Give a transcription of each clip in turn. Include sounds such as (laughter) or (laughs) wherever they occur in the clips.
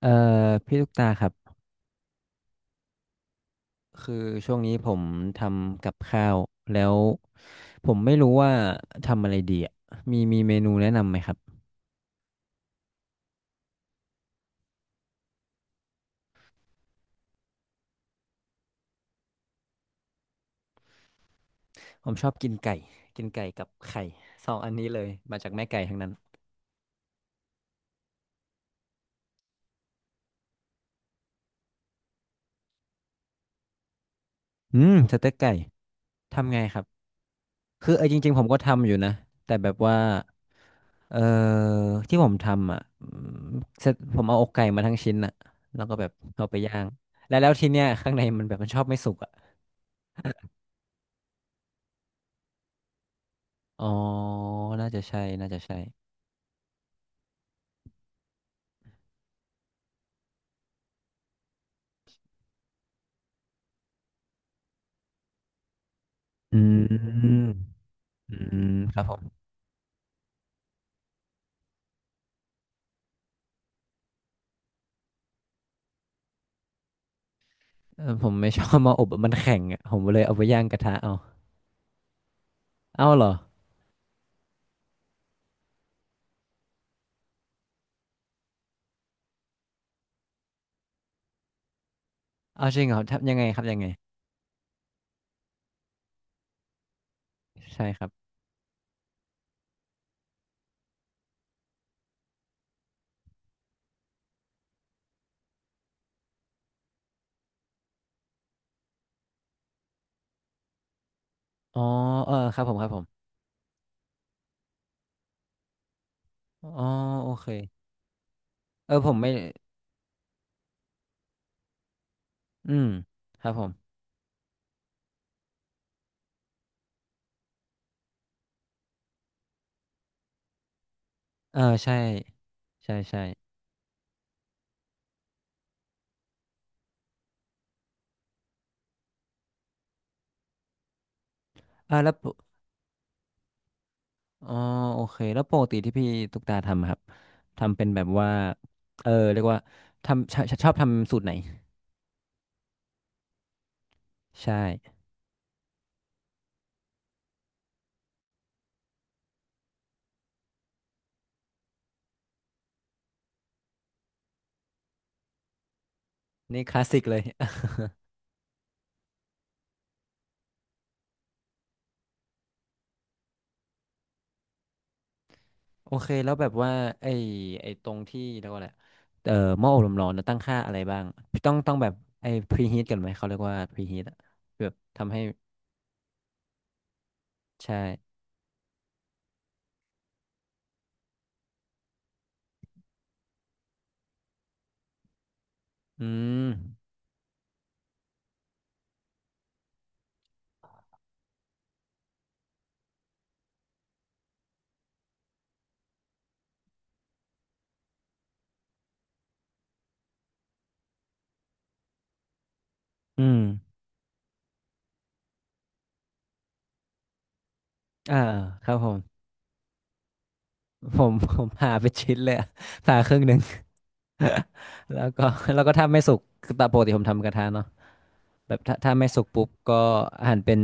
เอ่อพี่ลูกตาครับคือช่วงนี้ผมทำกับข้าวแล้วผมไม่รู้ว่าทำอะไรดีอ่ะมีเมนูแนะนำไหมครับผมชอบกินไก่กินไก่กับไข่สองอันนี้เลยมาจากแม่ไก่ทั้งนั้นอืมสเต็กไก่ทำไงครับคือจริงๆผมก็ทำอยู่นะแต่แบบว่าเอ่อที่ผมทำอ่ะเสร็จผมเอาอกไก่มาทั้งชิ้นอ่ะแล้วก็แบบเอาไปย่างแล้วทีเนี้ยข้างในมันแบบมันชอบไม่สุกอ่ะอ๋อน่าจะใช่ อืมอืมครับผมเออผมไม่ชอบมาอบอะมันแข็งอ่ะผมเลยเอาไปย่างกระทะเอาเอาเหรอเอาจริงเหรอทับยังไงครับยังไงใช่ครับอ๋อเออครับผมครับผมอ๋อโอเคเออผมไม่อืมครับผมเออใช่ใช่ใช่อ่าแล้วปกอ๋อโอเคแล้วปกติที่พี่ตุ๊กตาทำอะครับทำเป็นแบบว่าเรียกว่าทำชอบทำสูตรไหนใช่นี่คลาสสิกเลย โอเคแล้วแบบว่าไอ้ไอ้ตรงที่เรียกว่าอะไรเอ่อหม้ออบลมร้อนนะตั้งค่าอะไรบ้างต้องแบบไอ้พรีฮีทกันไหมเขาเรียกว่าพรีฮีทอะแบบทำให้ใช่อืมอืมอ่า ครับผมผมผ่าไปนชิ้นเลยอะผ่าครึ่งหนึ่งแล้วก็แล้วก็ถ้าไม่สุกคือตามปกติผมทำกระทะเนาะแบบถ้าไม่สุกปุ๊บก็หั่นเป็น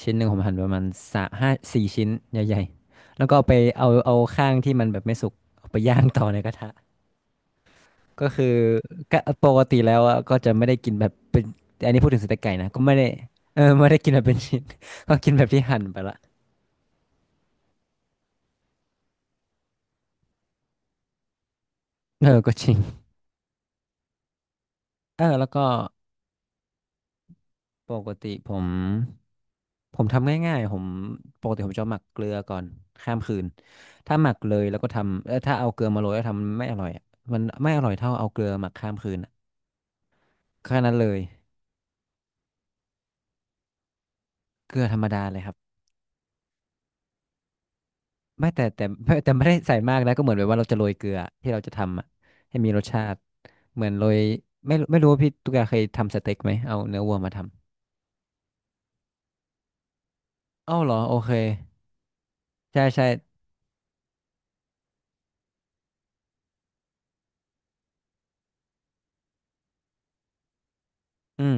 ชิ้นหนึ่งผมหั่นประมาณสามห้าสี่ชิ้นใหญ่ๆแล้วก็เอาข้างที่มันแบบไม่สุกเอาไปย่างต่อในกระทะ ก็คือก็ปกติแล้วอะก็จะไม่ได้กินแบบเป็นอันนี้พูดถึงสเต็กไก่นะก็ไม่ได้ไม่ได้กินแบบเป็นชิ้น (laughs) ก็กินแบบที่หั่นไปละเออก็จริงเออแล้วก็ปกติผมทำง่ายๆผมปกติผมจะหมักเกลือก่อนข้ามคืนถ้าหมักเลยแล้วก็ทำถ้าเอาเกลือมาโรยแล้วทำมันไม่อร่อยอะมันไม่อร่อยเท่าเอาเกลือหมักข้ามคืนอะแค่นั้นเลยเกลือธรรมดาเลยครับ ไม่แต่ (laughs) ไม่แต่ไม่ได้ใส่มากนะก็เหมือนแบบว่าเราจะโรยเกลือที่เราจะทำอะให้มีรสชาติเหมือนโรยไม่รู้ว่าพี่ตุ๊กตาเคยทำสเต็กไหมเอาเนื้อวัวมาทำอ้าวเหรอโอเคใช่ใช่อืม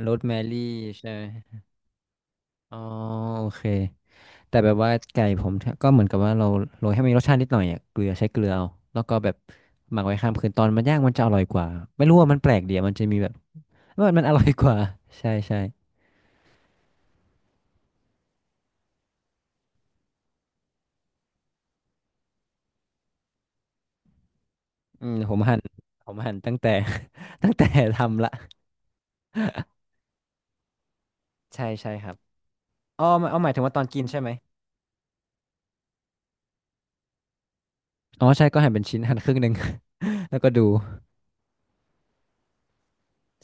โรสแมรี่ใช่ไหมอ๋อโอเคแต่แบบว่าไก่ผมก็เหมือนกับว่าเราโรยให้มันมีรสชาตินิดหน่อยอะเกลือใช้เกลือเอาแล้วก็แบบหมักไว้ข้ามคืนตอนมันย่างมันจะอร่อยกว่าไม่รู้ว่ามันแปลกเดียวมันจะมีแบบมันอร่อยกว่า (laughs) ใช่ใช่อืมผมหั่นผมหั่นตั้งแต่ (laughs) ตั้งแต่ทำละ ใช่ใช่ครับอ๋อหมายอ๋อหมายถึงว่าตอนกินใช่ไหมอ๋อใช่ก็หั่นเป็นชิ้นหั่นครึ่งหนึ่ง (laughs) แล้วก็ดู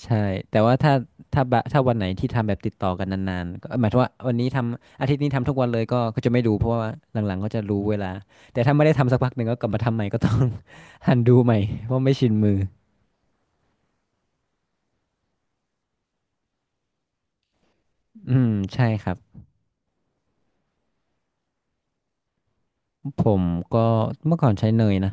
ใช่แต่ว่าถ้าถ้าบะถ้าวันไหนที่ทำแบบติดต่อกันนานๆก็หมายถึงว่าวันนี้ทำอาทิตย์นี้ทำทุกวันเลยก็จะไม่ดูเพราะว่าหลังๆก็จะรู้เวลาแต่ถ้าไม่ได้ทำสักพักหนึ่งก็กลับมาทำใหม่ก็ต้อง (laughs) หั่นดูใหม่เพราะไม่ชินมืออืมใช่ครับผมก็เมื่อก่อนใช้เนยนะ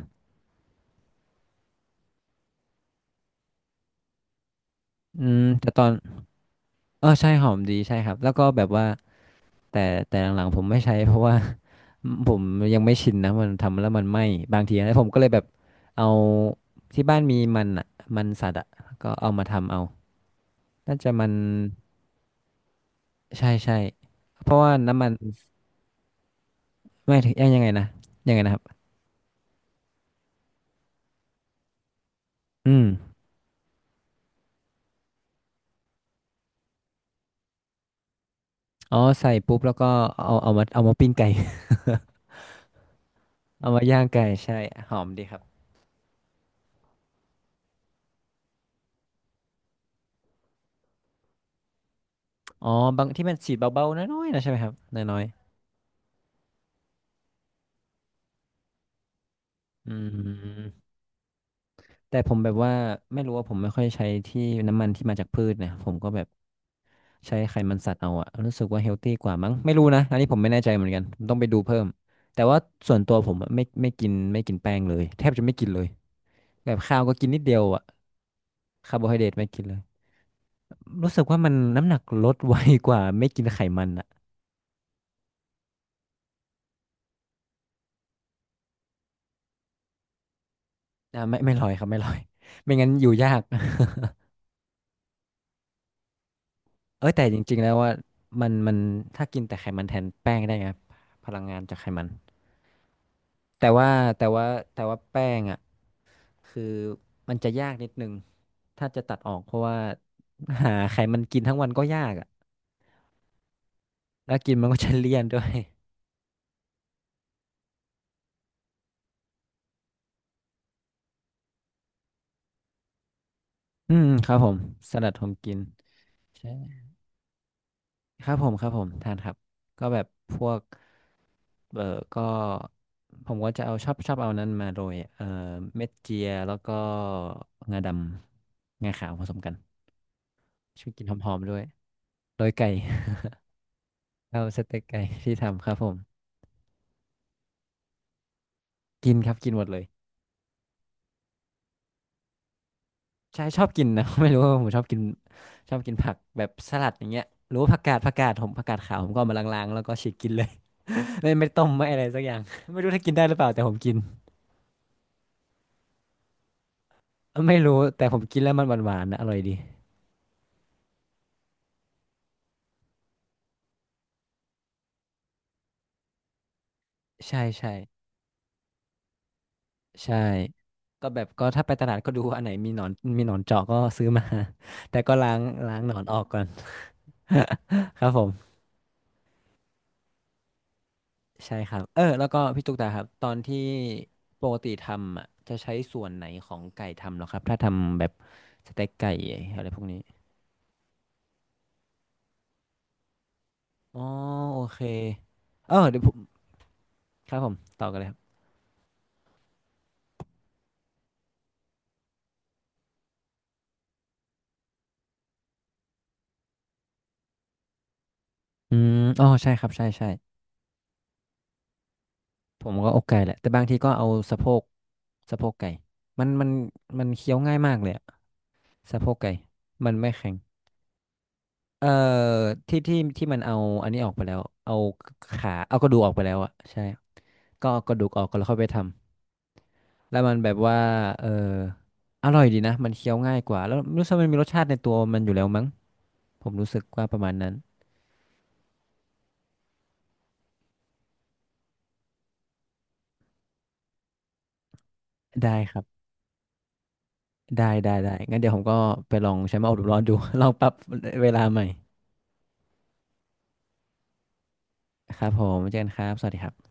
อืมแต่ตอนเออใช่หอมดีใช่ครับแล้วก็แบบว่าแต่แต่หลังๆผมไม่ใช้เพราะว่า ผมยังไม่ชินนะมันทำแล้วมันไหม้บางทีนะผมก็เลยแบบเอาที่บ้านมีมันอ่ะมันสัตว์อ่ะก็เอามาทำเอาน่าจะมันใช่ใช่เพราะว่าน้ำมันไม่ถึงยังยังไงนะยังไงนะครับอืมอ๋อใส่ปุ๊บแล้วก็เอาเอามาปิ้งไก่ (laughs) เอามาย่างไก่ใช่หอมดีครับอ๋อบางที่มันฉีดเบาๆน้อยๆนะใช่ไหมครับน้อยๆอืม แต่ผมแบบว่าไม่รู้ว่าผมไม่ค่อยใช้ที่น้ำมันที่มาจากพืชนะผมก็แบบใช้ไขมันสัตว์เอาอะรู้สึกว่าเฮลตี้กว่ามั้งไม่รู้นะอันนี้ผมไม่แน่ใจเหมือนกันผมต้องไปดูเพิ่มแต่ว่าส่วนตัวผมอะไม่ไม่กินแป้งเลยแทบจะไม่กินเลยแบบข้าวก็กินนิดเดียวอะคาร์โบไฮเดรตไม่กินเลยรู้สึกว่ามันน้ำหนักลดไวกว่าไม่กินไขมันอะอ่ะไม่ลอยครับไม่ลอยไม่งั้นอยู่ยาก (laughs) เอ้ยแต่จริงๆแล้วว่ามันถ้ากินแต่ไขมันแทนแป้งได้ไงพลังงานจากไขมัน แต่ว่าแต่ว่าแต่ว่าแป้งอ่ะคือมันจะยากนิดนึงถ้าจะตัดออกเพราะว่าหาไขมันกินทั้งวันก็ยากอ่ะแล้วกินมันก็จะเลี่ยนด้วย (laughs) อืมครับผมสลัดผมกินใช่ครับผมครับผมทานครับก็แบบพวกเออก็ผมก็จะเอาชอบเอานั้นมาโรยเม็ดเจียแล้วก็งาดำงาขาวผสมกันช่วยกินหอมๆด้วยโรยไก่ (laughs) เอาสเต็กไก่ที่ทำครับผม กินครับกินหมดเลยใช่ชอบกินนะ (laughs) ไม่รู้ว่าผมชอบกินชอบกินผักแบบสลัดอย่างเงี้ยหรือว่าผักกาดขาวผมก็เอามาล้างๆแล้วก็ฉีกกินเลย (laughs) ไม่ไม่ต้มไม่อะไรสักอย่าง (laughs) ไม่รู้ถ้ากินได้หรือเปล่าแต่ผมกินไม่รู้แต่ผมกินแล้วมันหวานๆนะอร่อยดีใช่ใช่ใช่ก็แบบก็ถ้าไปตลาดก็ดูว่าอันไหนมีหนอนมีหนอนเจาะก็ซื้อมา (laughs) แต่ก็ล้างล้างหนอนออกก่อน (laughs) ครับผม ใช่ครับเออแล้วก็พี่ตุ๊กตาครับตอนที่ปกติทำอ่ะจะใช้ส่วนไหนของไก่ทำเหรอครับถ้าทำแบบสเต็กไก่อะไรพวกนี้อ๋อโอเคเออเดี๋ยวผมครับผมต่อกันเลยครับอืมอ๋อใช่ครับใช่ใช่ผมก็อกไก่แหละแต่บางทีก็เอาสะโพกสะโพกไก่มันมันเคี้ยวง่ายมากเลยอะสะโพกไก่มันไม่แข็งเอ่อที่มันเอาอันนี้ออกไปแล้วเอาขาเอากระดูกออกไปแล้วอะใช่ก็เอากระดูกออกก็แล้วค่อยไปทำ แล้วมันแบบว่า เออ อร่อยดีนะ มันเคี้ยวง่ายกว่าแล้วรู้สึกมันมีรสชาติในตัวมันอยู่แล้วมั้งผมรู้สึกว่าประมาณนั้น ได้ครับ ได้ได้ได้งั้นเดี๋ยวผมก็ไปลองใช้มาอบร้อนดู (laughs) ลองปรับเวลาใหม่ครับผมเจอกันครับสวัสดีครับ